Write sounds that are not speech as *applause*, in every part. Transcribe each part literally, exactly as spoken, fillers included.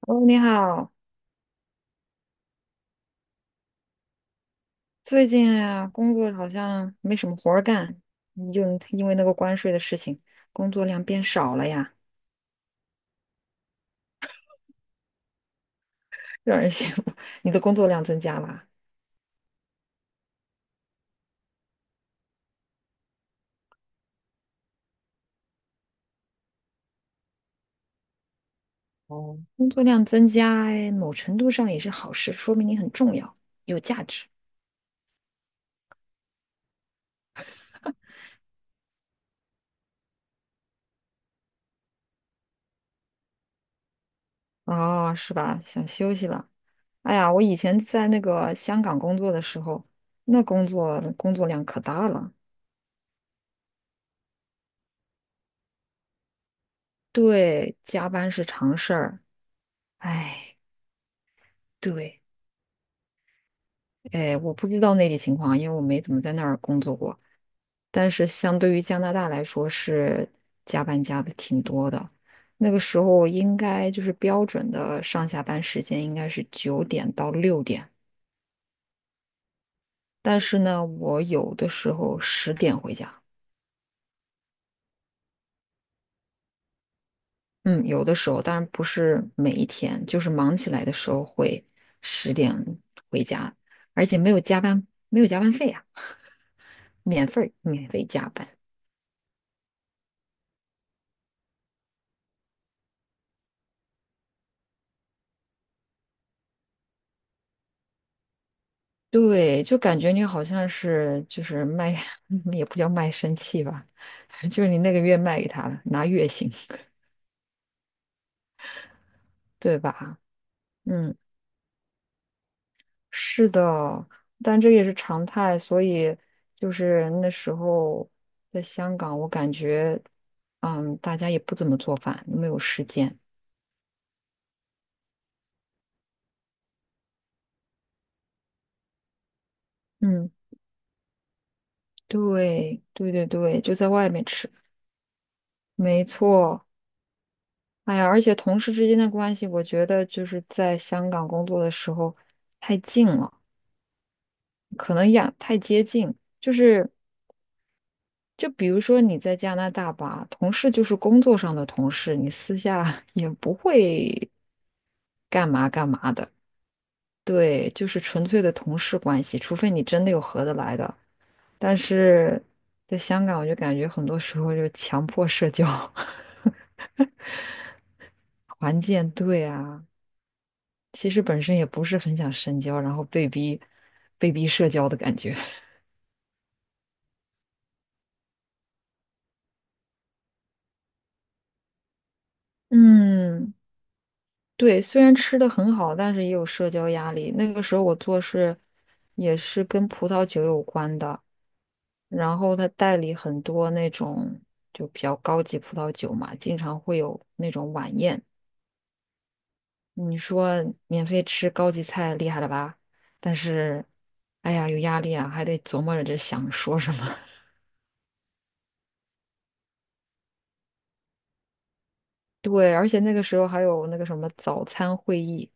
哦，你好。最近啊，工作好像没什么活儿干，你就因为那个关税的事情，工作量变少了呀。*laughs* 让人羡慕。你的工作量增加啦？哦，工作量增加，哎某程度上也是好事，说明你很重要，有价值。哦，是吧？想休息了。哎呀，我以前在那个香港工作的时候，那工作工作量可大了，对，加班是常事儿。哎，对。哎，我不知道内地情况啊，因为我没怎么在那儿工作过。但是相对于加拿大来说，是加班加的挺多的。那个时候应该就是标准的上下班时间应该是九点到六点，但是呢，我有的时候十点回家。嗯，有的时候，当然不是每一天，就是忙起来的时候会十点回家，而且没有加班，没有加班费啊，免费免费加班。对，就感觉你好像是就是卖，*laughs* 也不叫卖身契吧，*laughs* 就是你那个月卖给他了，拿月薪，对吧？嗯，是的，但这也是常态，所以就是那时候在香港，我感觉，嗯，大家也不怎么做饭，没有时间。嗯，对，对对对，就在外面吃，没错。哎呀，而且同事之间的关系，我觉得就是在香港工作的时候太近了。可能养太接近，就是就比如说你在加拿大吧，同事就是工作上的同事，你私下 *laughs* 也不会干嘛干嘛的，对，就是纯粹的同事关系，除非你真的有合得来的。但是在香港，我就感觉很多时候就强迫社交，*laughs* 环境，对啊，其实本身也不是很想深交，然后被逼被逼社交的感觉，*laughs* 嗯。对，虽然吃的很好，但是也有社交压力。那个时候我做事也是跟葡萄酒有关的，然后他代理很多那种就比较高级葡萄酒嘛，经常会有那种晚宴。你说免费吃高级菜，厉害了吧？但是，哎呀，有压力啊，还得琢磨着这想说什么。*laughs* 对，而且那个时候还有那个什么早餐会议。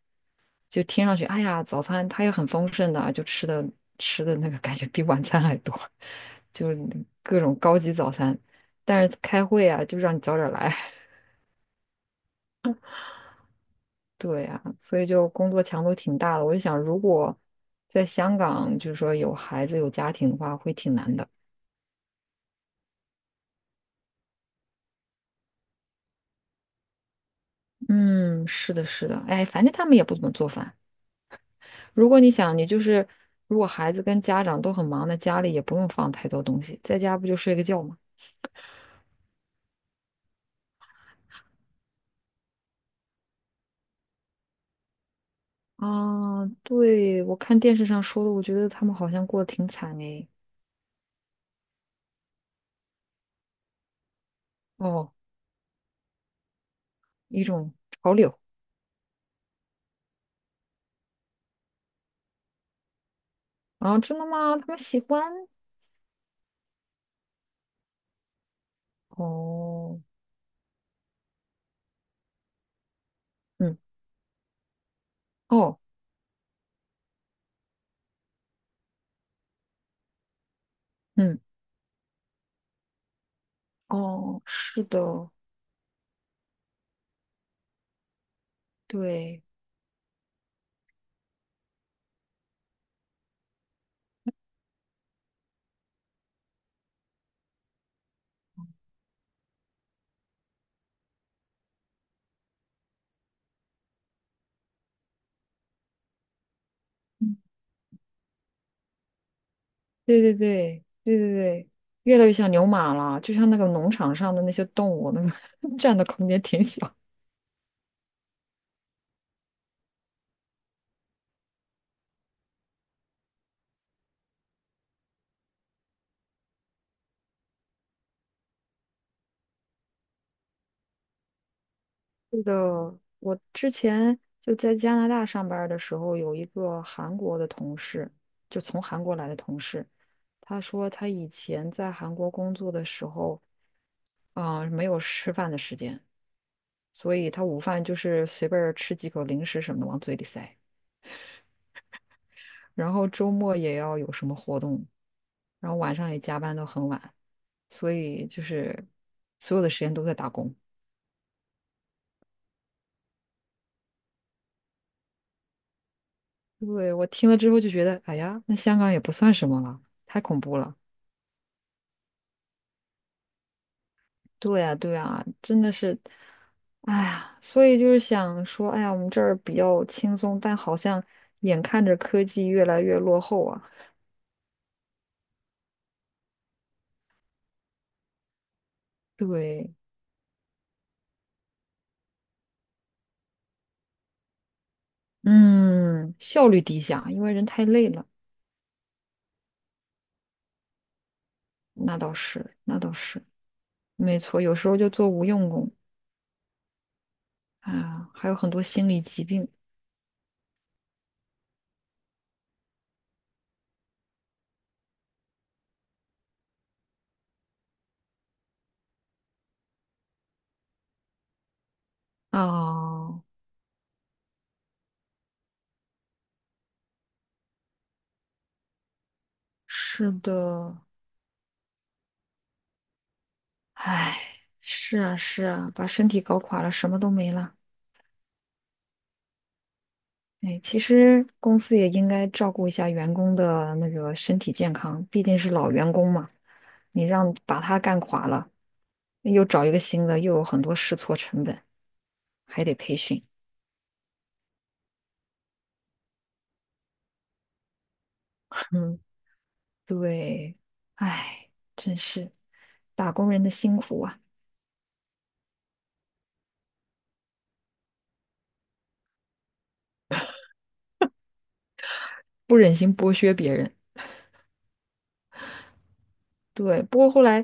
就听上去，哎呀，早餐它也很丰盛的啊，就吃的吃的那个感觉比晚餐还多，*laughs* 就各种高级早餐。但是开会啊，就让你早点来，*laughs* 对呀、所以就工作强度挺大的。我就想，如果在香港，就是说有孩子有家庭的话，会挺难的。嗯，是的，是的，哎，反正他们也不怎么做饭。如果你想，你就是如果孩子跟家长都很忙，那家里也不用放太多东西，在家不就睡个觉吗？啊，对，我看电视上说的，我觉得他们好像过得挺惨诶。哦，一种潮流啊，真的吗？他们喜欢？哦，嗯，哦，嗯，哦，是的，对，嗯，对对对对对对，越来越像牛马了，就像那个农场上的那些动物，那个 *laughs* 占的空间挺小。是的，我之前就在加拿大上班儿的时候，有一个韩国的同事，就从韩国来的同事，他说他以前在韩国工作的时候，啊、没有吃饭的时间，所以他午饭就是随便儿吃几口零食什么的往嘴里塞，然后周末也要有什么活动，然后晚上也加班到很晚，所以就是所有的时间都在打工。对，我听了之后就觉得，哎呀，那香港也不算什么了，太恐怖了。对呀，对呀，真的是，哎呀，所以就是想说，哎呀，我们这儿比较轻松，但好像眼看着科技越来越落后啊。对，嗯，效率低下，因为人太累了。那倒是，那倒是，没错，有时候就做无用功啊，还有很多心理疾病啊。是的，哎，是啊，是啊，把身体搞垮了，什么都没了。哎，其实公司也应该照顾一下员工的那个身体健康，毕竟是老员工嘛，你让把他干垮了，又找一个新的，又有很多试错成本，还得培训。嗯，对，哎，真是打工人的辛苦啊，不忍心剥削别人。对，不过后来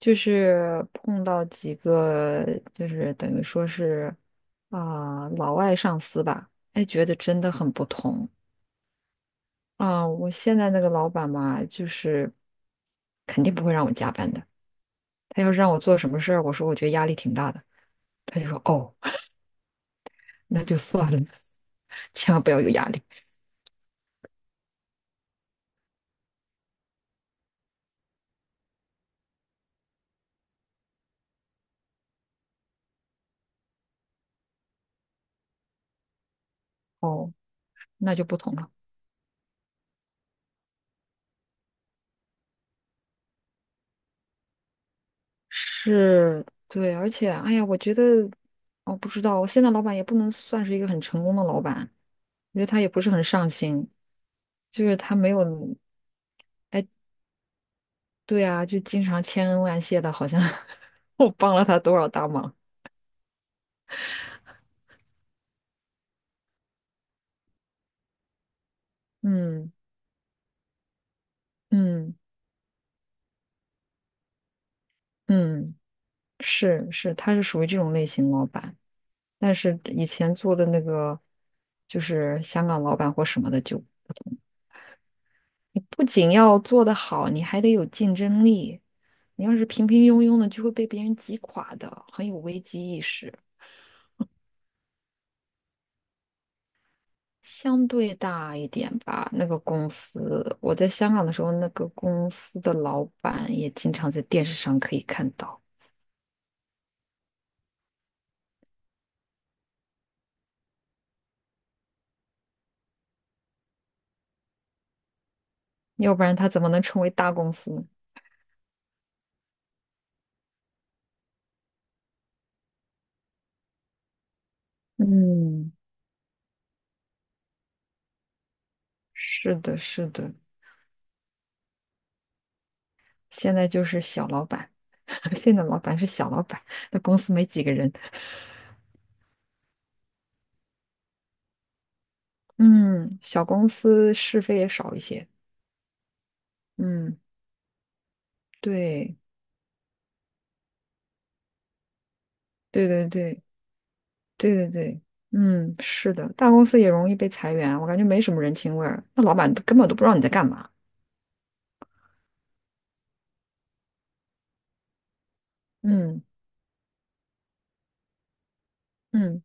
就是碰到几个，就是等于说是啊、老外上司吧，哎，觉得真的很不同。啊，我现在那个老板嘛，就是肯定不会让我加班的。他要是让我做什么事儿，我说我觉得压力挺大的，他就说哦，*laughs* 那就算了，*laughs* 千万不要有压力。哦，那就不同了。是，对，而且，哎呀，我觉得，我不知道，我现在老板也不能算是一个很成功的老板，我觉得他也不是很上心，就是他没有，对啊，就经常千恩万谢的，好像 *laughs* 我帮了他多少大忙。嗯嗯嗯。是是，他是属于这种类型老板，但是以前做的那个就是香港老板或什么的就，你不仅要做得好，你还得有竞争力。你要是平平庸庸的，就会被别人挤垮的，很有危机意识。相对大一点吧，那个公司，我在香港的时候，那个公司的老板也经常在电视上可以看到，要不然他怎么能成为大公司呢？嗯，是的，是的，现在就是小老板。*laughs* 现在老板是小老板，那公司没几个人，嗯，小公司是非也少一些，嗯，对，对对对对对对，嗯，是的，大公司也容易被裁员啊，我感觉没什么人情味儿，那老板都根本都不知道你在干嘛，嗯嗯，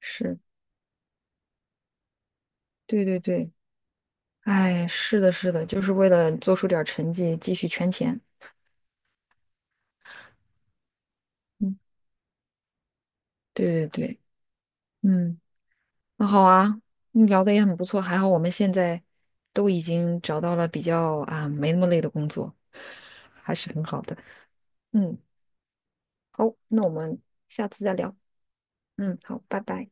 是，对对对，哎，是的，是的，就是为了做出点儿成绩，继续圈钱，嗯，对对对，嗯。那好啊，你聊的也很不错，还好我们现在都已经找到了比较啊没那么累的工作，还是很好的。嗯，好，那我们下次再聊。嗯，好，拜拜。